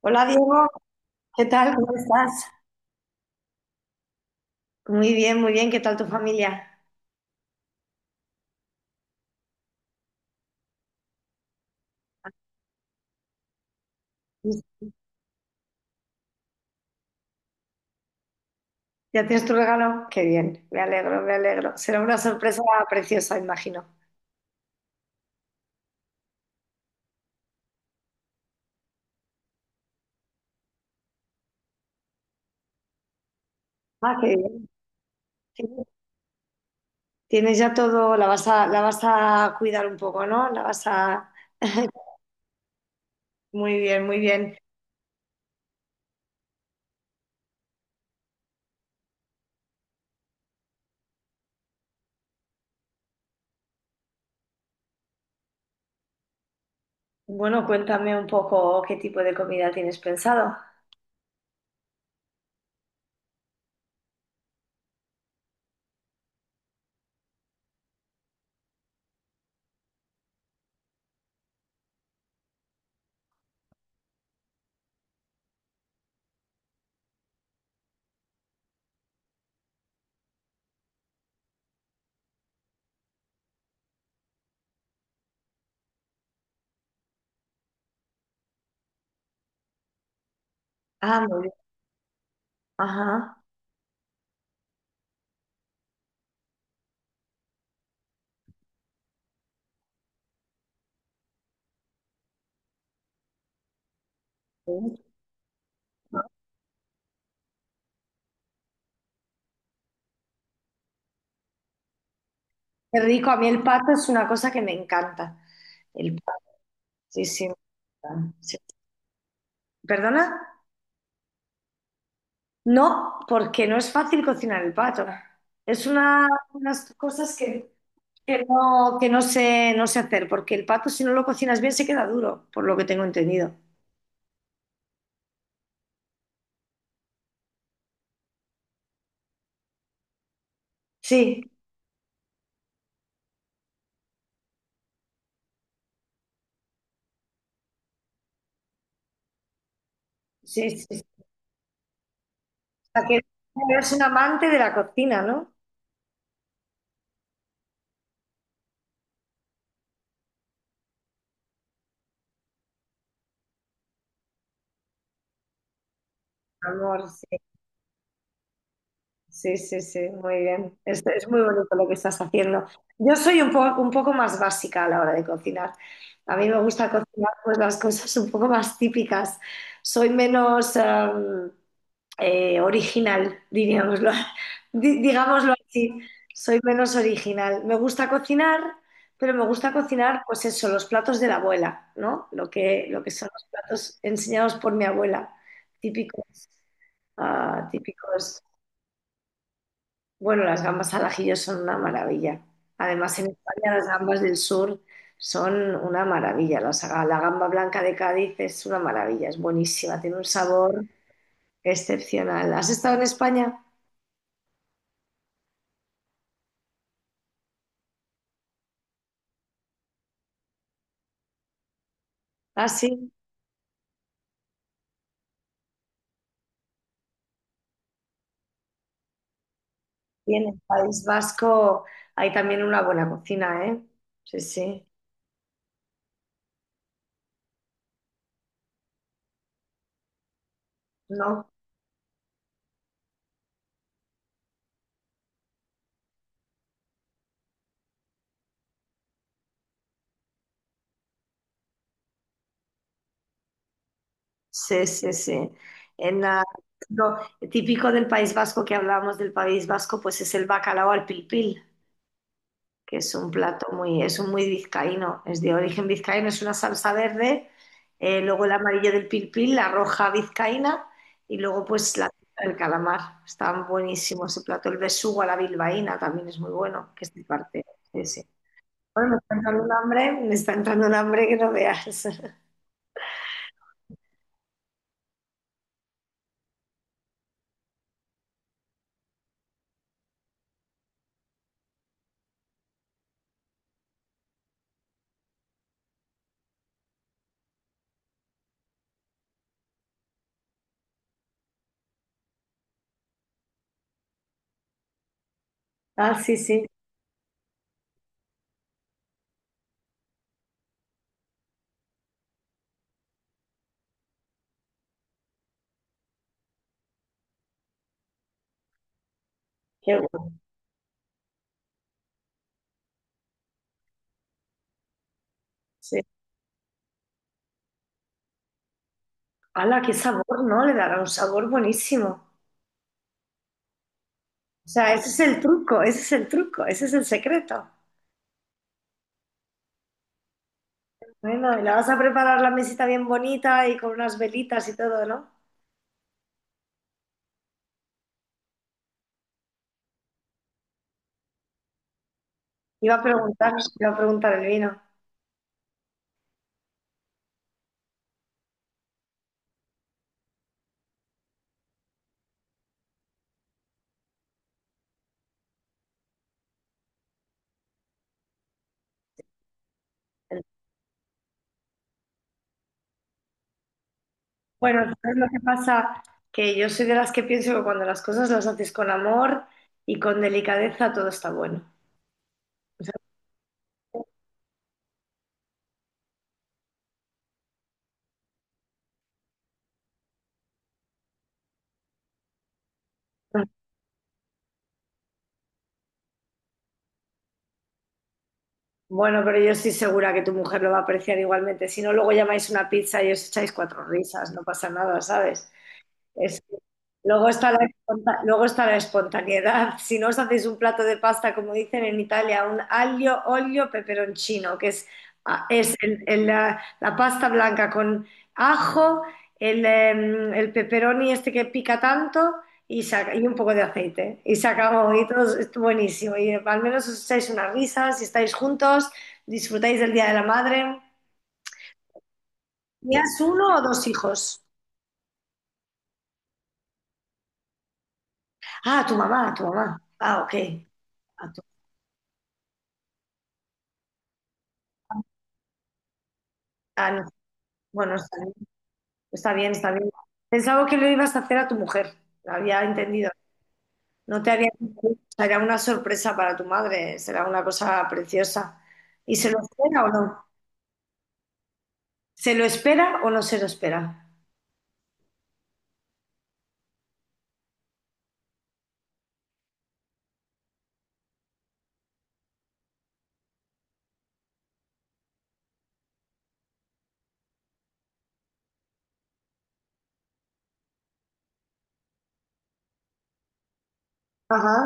Hola Diego, ¿qué tal? ¿Cómo estás? Muy bien, muy bien. ¿Qué tal tu familia? ¿Ya tienes tu regalo? Qué bien, me alegro, me alegro. Será una sorpresa preciosa, imagino. Ah, qué bien. Tienes ya todo, la vas a cuidar un poco, ¿no? La vas a... Muy bien, muy bien. Bueno, cuéntame un poco qué tipo de comida tienes pensado. Ah, muy bien. Ajá. Qué rico. A mí el pato es una cosa que me encanta. El pato, sí, sí, me encanta. Sí. ¿Perdona? No, porque no es fácil cocinar el pato. Es una, unas cosas que no sé, no sé hacer, porque el pato si no lo cocinas bien se queda duro, por lo que tengo entendido. Sí, sí, sí, sí. O sea, que eres un amante de la cocina, ¿no? Amor. Sí, sí, sí, muy bien. Es muy bonito lo que estás haciendo. Yo soy un poco más básica a la hora de cocinar. A mí me gusta cocinar pues las cosas un poco más típicas. Soy menos original, diríamoslo, digámoslo así. Soy menos original. Me gusta cocinar, pero me gusta cocinar, pues eso, los platos de la abuela, ¿no? Lo que son los platos enseñados por mi abuela, típicos, ah, típicos. Bueno, las gambas al ajillo son una maravilla. Además, en España las gambas del sur son una maravilla. La gamba blanca de Cádiz es una maravilla, es buenísima, tiene un sabor excepcional. ¿Has estado en España? Ah, sí. Y en el País Vasco hay también una buena cocina, ¿eh? Sí, sí. ¿No? Sí, sí, sí. En la- lo típico del País Vasco que hablábamos del País Vasco, pues es el bacalao al pilpil, que es un plato muy, es un muy vizcaíno, es de origen vizcaíno, es una salsa verde, luego el amarillo del pilpil, la roja vizcaína y luego pues la, el calamar. Está buenísimo ese plato. El besugo a la bilbaína también es muy bueno, que es de parte. Sí, sí. Bueno, me está entrando un hambre, me está entrando un hambre que no veas. Ah, sí, sí, qué bueno. Sí. ¡Hala, qué sabor, ¿no? Le dará un sabor buenísimo. O sea, ese es el truco, ese es el truco, ese es el secreto. Bueno, y la vas a preparar la mesita bien bonita y con unas velitas y todo, ¿no? Iba a preguntar, iba a preguntar el vino. Bueno, ¿sabes lo que pasa? Que yo soy de las que pienso que cuando las cosas las haces con amor y con delicadeza, todo está bueno. Bueno, pero yo estoy segura que tu mujer lo va a apreciar igualmente. Si no, luego llamáis una pizza y os echáis cuatro risas, no pasa nada, ¿sabes? Es- luego está la luego está la espontaneidad. Si no os hacéis un plato de pasta, como dicen en Italia, un aglio, olio, peperoncino, que es, ah, es la pasta blanca con ajo, el pepperoni este que pica tanto y, y un poco de aceite. Y se acabó, y todo es buenísimo. Y al menos os echáis unas risas, si estáis juntos, disfrutáis del Día de la Madre. ¿Tenías uno o dos hijos? Ah, tu mamá, tu mamá. Ah, ok. Ah. Ah, no. Bueno, está bien, está bien, está bien. Pensaba que lo ibas a hacer a tu mujer, lo había entendido. No te había entendido. Será una sorpresa para tu madre, será una cosa preciosa. ¿Y se lo espera o no? ¿Se lo espera o no se lo espera? Ajá.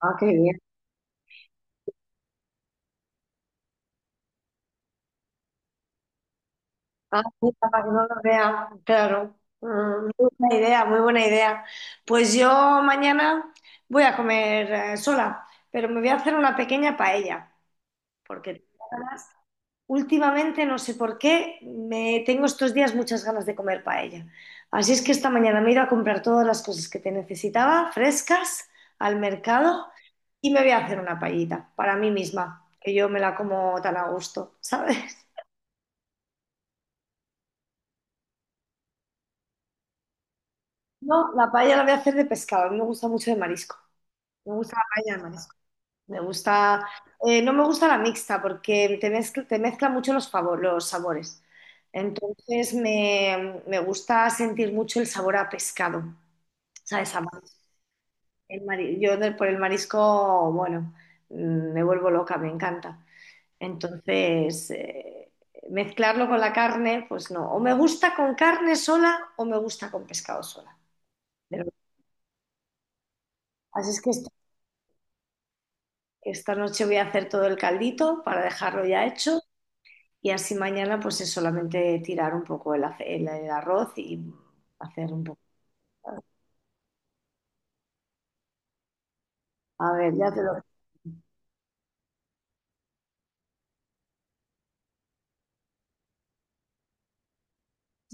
Ah, qué bien. Ah, sí, para que no lo vea, claro. Mm, muy buena idea, muy buena idea. Pues yo mañana voy a comer sola, pero me voy a hacer una pequeña paella, porque tengo ganas. Últimamente, no sé por qué, me tengo estos días muchas ganas de comer paella. Así es que esta mañana me he ido a comprar todas las cosas que te necesitaba, frescas, al mercado, y me voy a hacer una paellita para mí misma, que yo me la como tan a gusto, ¿sabes? No, la paella la voy a hacer de pescado, a mí me gusta mucho de marisco. Me gusta la paella de marisco. Me gusta, no me gusta la mixta porque te mezcla mucho los, los sabores. Me gusta sentir mucho el sabor a pescado. ¿Sabes? Amar por el marisco, bueno, mm, me vuelvo loca, me encanta. Entonces, mezclarlo con la carne, pues no. O me gusta con carne sola o me gusta con pescado sola. Pero, así es que esta noche voy a hacer todo el caldito para dejarlo ya hecho y así mañana pues es solamente tirar un poco el arroz y hacer un poco. A ver, ya te lo...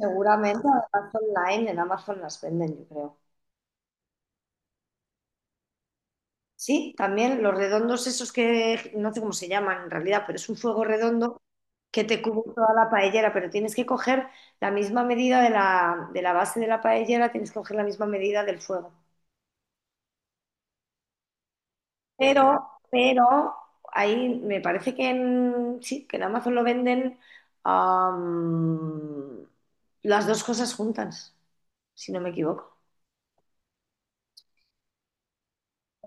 Seguramente en Amazon Line, en Amazon las venden, yo creo. Sí, también los redondos esos que no sé cómo se llaman en realidad, pero es un fuego redondo que te cubre toda la paellera, pero tienes que coger la misma medida de la base de la paellera, tienes que coger la misma medida del fuego. Pero ahí me parece que en, sí, que en Amazon lo venden, am, las dos cosas juntas, si no me equivoco.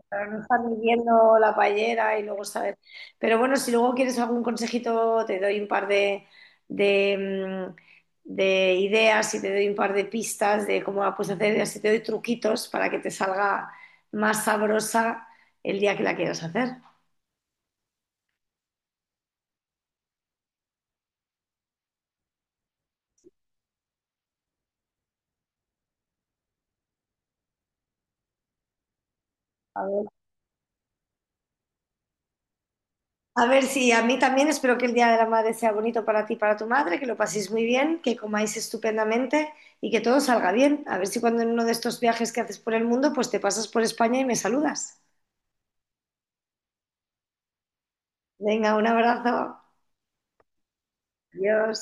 Para no estar midiendo la paellera y luego saber. Pero bueno, si luego quieres algún consejito, te doy un par de, mm, de ideas y te doy un par de pistas de cómo la puedes hacer y así te doy truquitos para que te salga más sabrosa el día que la quieras hacer. A ver. A ver si a mí también espero que el Día de la Madre sea bonito para ti y para tu madre, que lo paséis muy bien, que comáis estupendamente y que todo salga bien. A ver si cuando en uno de estos viajes que haces por el mundo, pues te pasas por España y me saludas. Venga, un abrazo. Adiós.